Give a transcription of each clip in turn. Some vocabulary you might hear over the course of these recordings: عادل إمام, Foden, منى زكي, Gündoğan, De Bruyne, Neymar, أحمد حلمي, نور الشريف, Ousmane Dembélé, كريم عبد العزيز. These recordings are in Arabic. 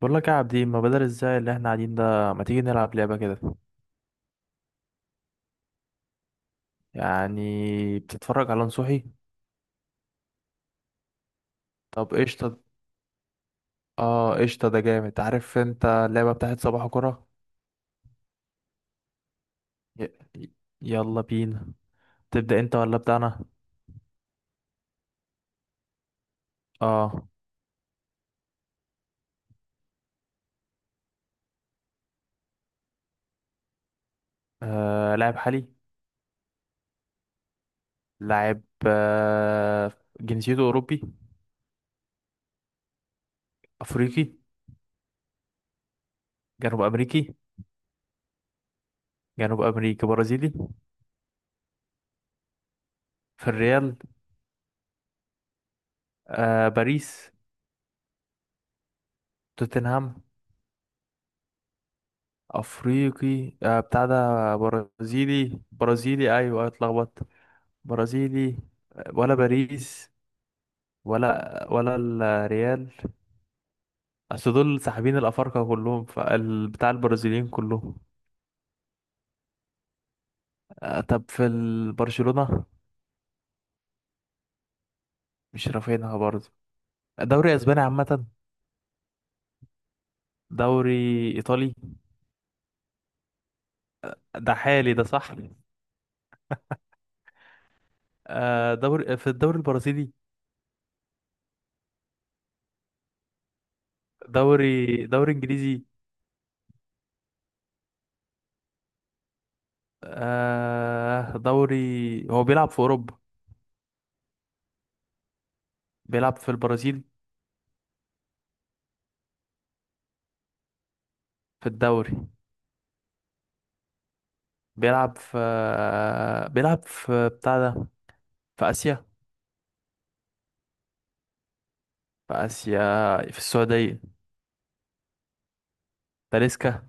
بقول لك يا عابدين، ما بدل ازاي اللي احنا قاعدين ده. ما تيجي نلعب لعبة كده؟ يعني بتتفرج على نصوحي. طب قشطة. اه قشطة، ده جامد. عارف انت اللعبة بتاعت صباح كرة. ي... ي- يلا بينا. تبدأ انت ولا ابدأ انا؟ اه. آه. لاعب حالي. لاعب. آه. جنسيته اوروبي؟ افريقي؟ جنوب امريكي؟ جنوب امريكي برازيلي. في الريال؟ آه. باريس؟ توتنهام؟ افريقي آه، بتاع ده برازيلي ايوه اتلخبطت. برازيلي ولا باريس ولا الريال. اصل دول ساحبين الافارقه كلهم فبتاع البرازيليين كلهم. آه، طب في برشلونه؟ مش رافينها برضه. دوري اسباني عامه؟ دوري ايطالي؟ ده حالي ده صح؟ آه، دوري في الدوري البرازيلي؟ دوري انجليزي؟ آه، دوري. هو بيلعب في اوروبا؟ بيلعب في البرازيل؟ في الدوري؟ بيلعب في، بيلعب في بتاع ده، في آسيا. في آسيا، في السعودية. تاليسكا؟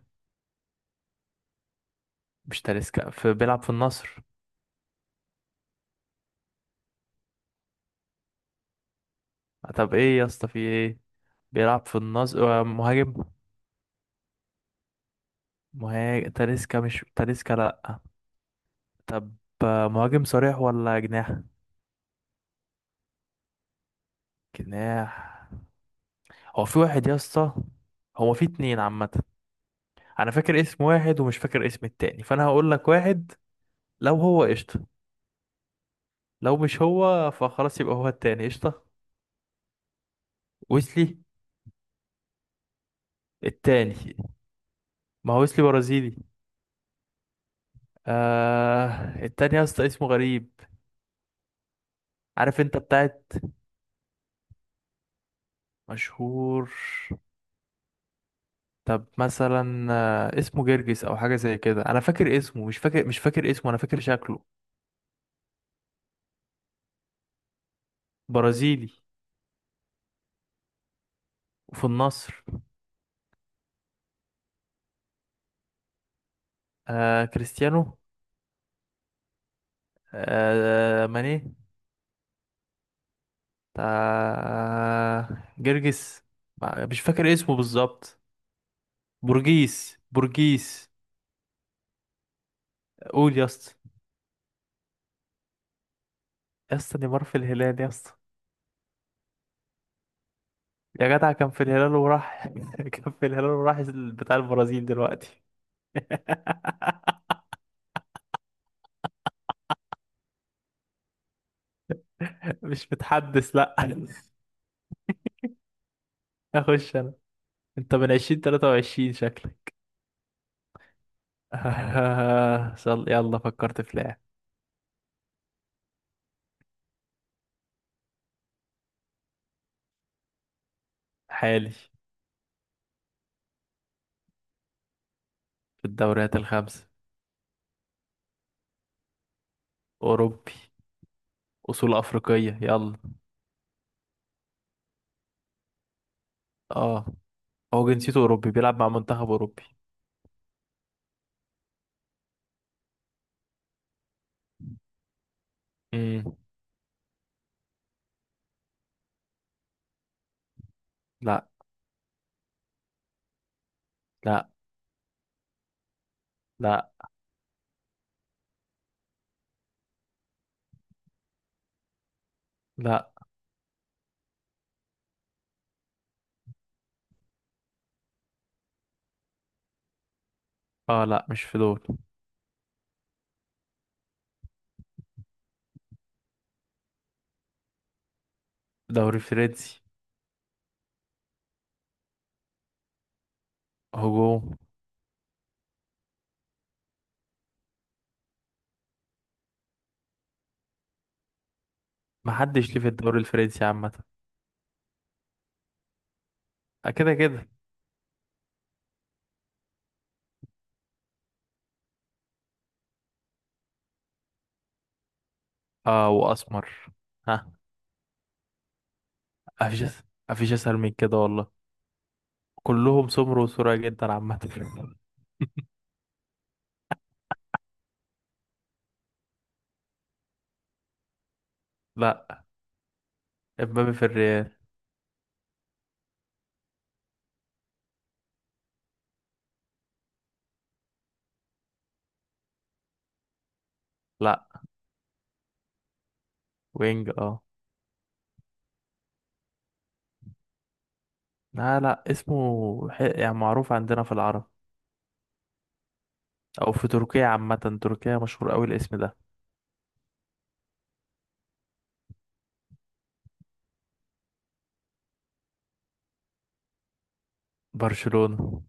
مش تاليسكا؟ في بيلعب في النصر. طب ايه يا اسطى في ايه؟ بيلعب في النصر آه، مهاجم. مهاجم. تاليسكا؟ مش تاليسكا لأ. طب آه، مهاجم صريح ولا جناح؟ جناح. هو في واحد يا اسطى، هو في اتنين عامة. انا فاكر اسم واحد ومش فاكر اسم التاني، فانا هقول لك واحد، لو هو قشطة. لو مش هو فخلاص يبقى هو التاني قشطة. ويسلي؟ التاني. ما هو ويسلي برازيلي. آه، التاني يا اسطى اسمه غريب. عارف انت بتاعت. مشهور. طب مثلا آه، اسمه جرجس او حاجه زي كده. انا فاكر اسمه، مش فاكر اسمه، انا فاكر شكله. برازيلي وفي النصر. آه كريستيانو؟ آه ماني؟ آه جرجس. مش فاكر اسمه بالظبط. بورجيس. قول يا اسطى. يا اسطى نيمار في الهلال يا اسطى. يا جدع كان في الهلال وراح كان في الهلال وراح بتاع البرازيل دلوقتي. مش متحدث لا. اخش انا. انت من 2023 شكلك. آه، صل يلا فكرت في لاعب. حالي. في الدوريات الخمسة. اوروبي اصول افريقية يلا. اه. هو جنسيته اوروبي بيلعب مع منتخب اوروبي. امم. لا. لا. لا. لا. اه لا مش في دول. دوري فرنسي. هجوم. محدش ليه في الدوري الفرنسي عامة. آه، كده كده. اه واسمر. ها. مفيش أس- مفيش اسهل من كده والله. كلهم سمر وسرعة جدا عامة. لا، امبابي في الريال. لا. وينج اه. لا، لا اسمه يعني معروف عندنا في العرب. او في تركيا عامة. تركيا مشهور قوي الاسم ده. برشلونة.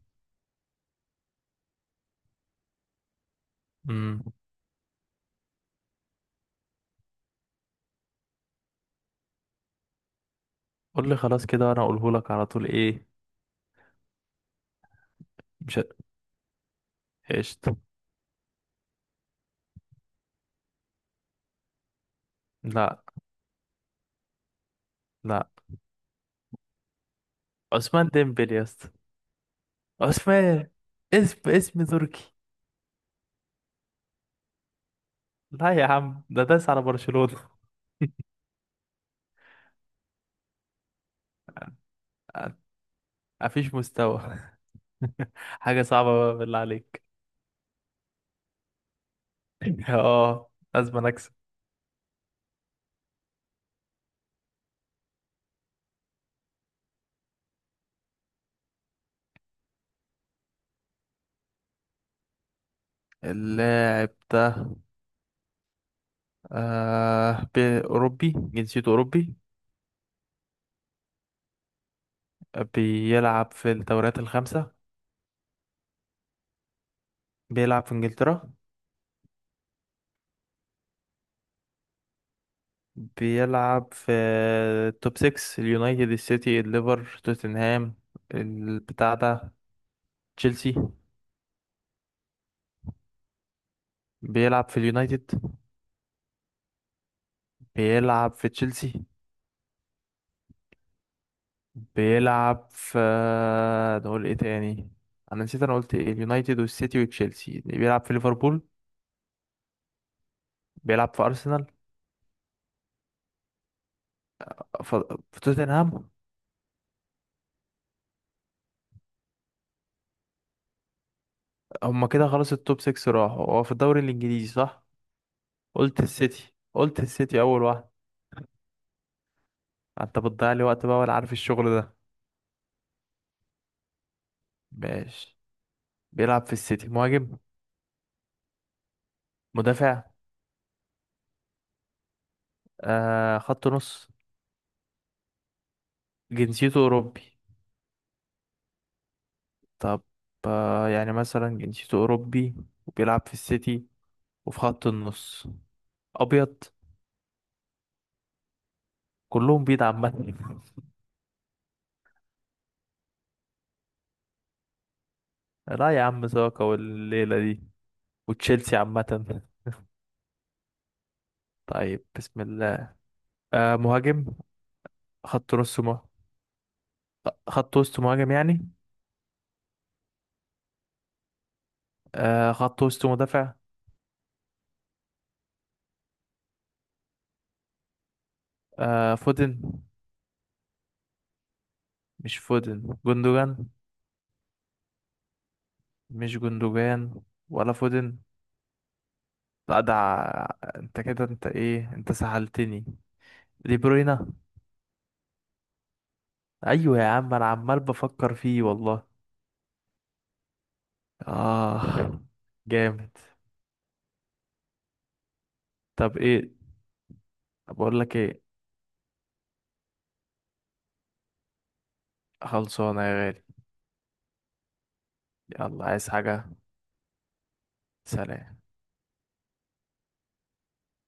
امم. قول لي خلاص كده وانا اقوله لك على طول ايه. مش ه- قشطة. لا. لا. عثمان ديمبلي يا اسطى. عثمان، اسم اسم تركي. لا يا عم، ده داس على برشلونة. مفيش مستوى. حاجة صعبة بقى بالله عليك. اه لازم اكسب. اللاعب ده آه بأوروبي، جنسيته أوروبي. بيلعب في الدوريات الخمسة. بيلعب في إنجلترا. بيلعب في التوب 6، اليونايتد، السيتي، الليفر، توتنهام، البتاع ده، تشيلسي. بيلعب في اليونايتد؟ بيلعب في تشيلسي؟ بيلعب في، نقول ايه تاني؟ انا نسيت انا قلت ايه. اليونايتد والسيتي وتشيلسي. بيلعب في ليفربول؟ بيلعب في ارسنال؟ ف- في توتنهام؟ هما كده خلاص التوب 6 راحوا. هو في الدوري الانجليزي صح؟ قلت السيتي اول واحد. انت بتضيع لي وقت بقى ولا عارف الشغل ده. ماشي. بيلعب في السيتي. مهاجم؟ مدافع؟ آه خط نص؟ جنسيته اوروبي؟ طب آه يعني مثلا جنسيته اوروبي وبيلعب في السيتي وفي خط النص. ابيض. كلهم بيض عامة. لا يا عم، ساكا والليلة دي وتشيلسي عامة. طيب بسم الله. آه مهاجم. خط نص مه... خط وسط مهاجم يعني. آه خط وسط مدافع. آه فودن؟ مش فودن، جندوجان؟ مش جندوجان ولا فودن. لا ده انت كده، انت سهلتني. دي بروينا. ايوه يا عم، انا عمال بفكر فيه والله. اه جامد. طب ايه. بقول لك ايه. خلصانه يا غالي. يلا عايز حاجة. سلام.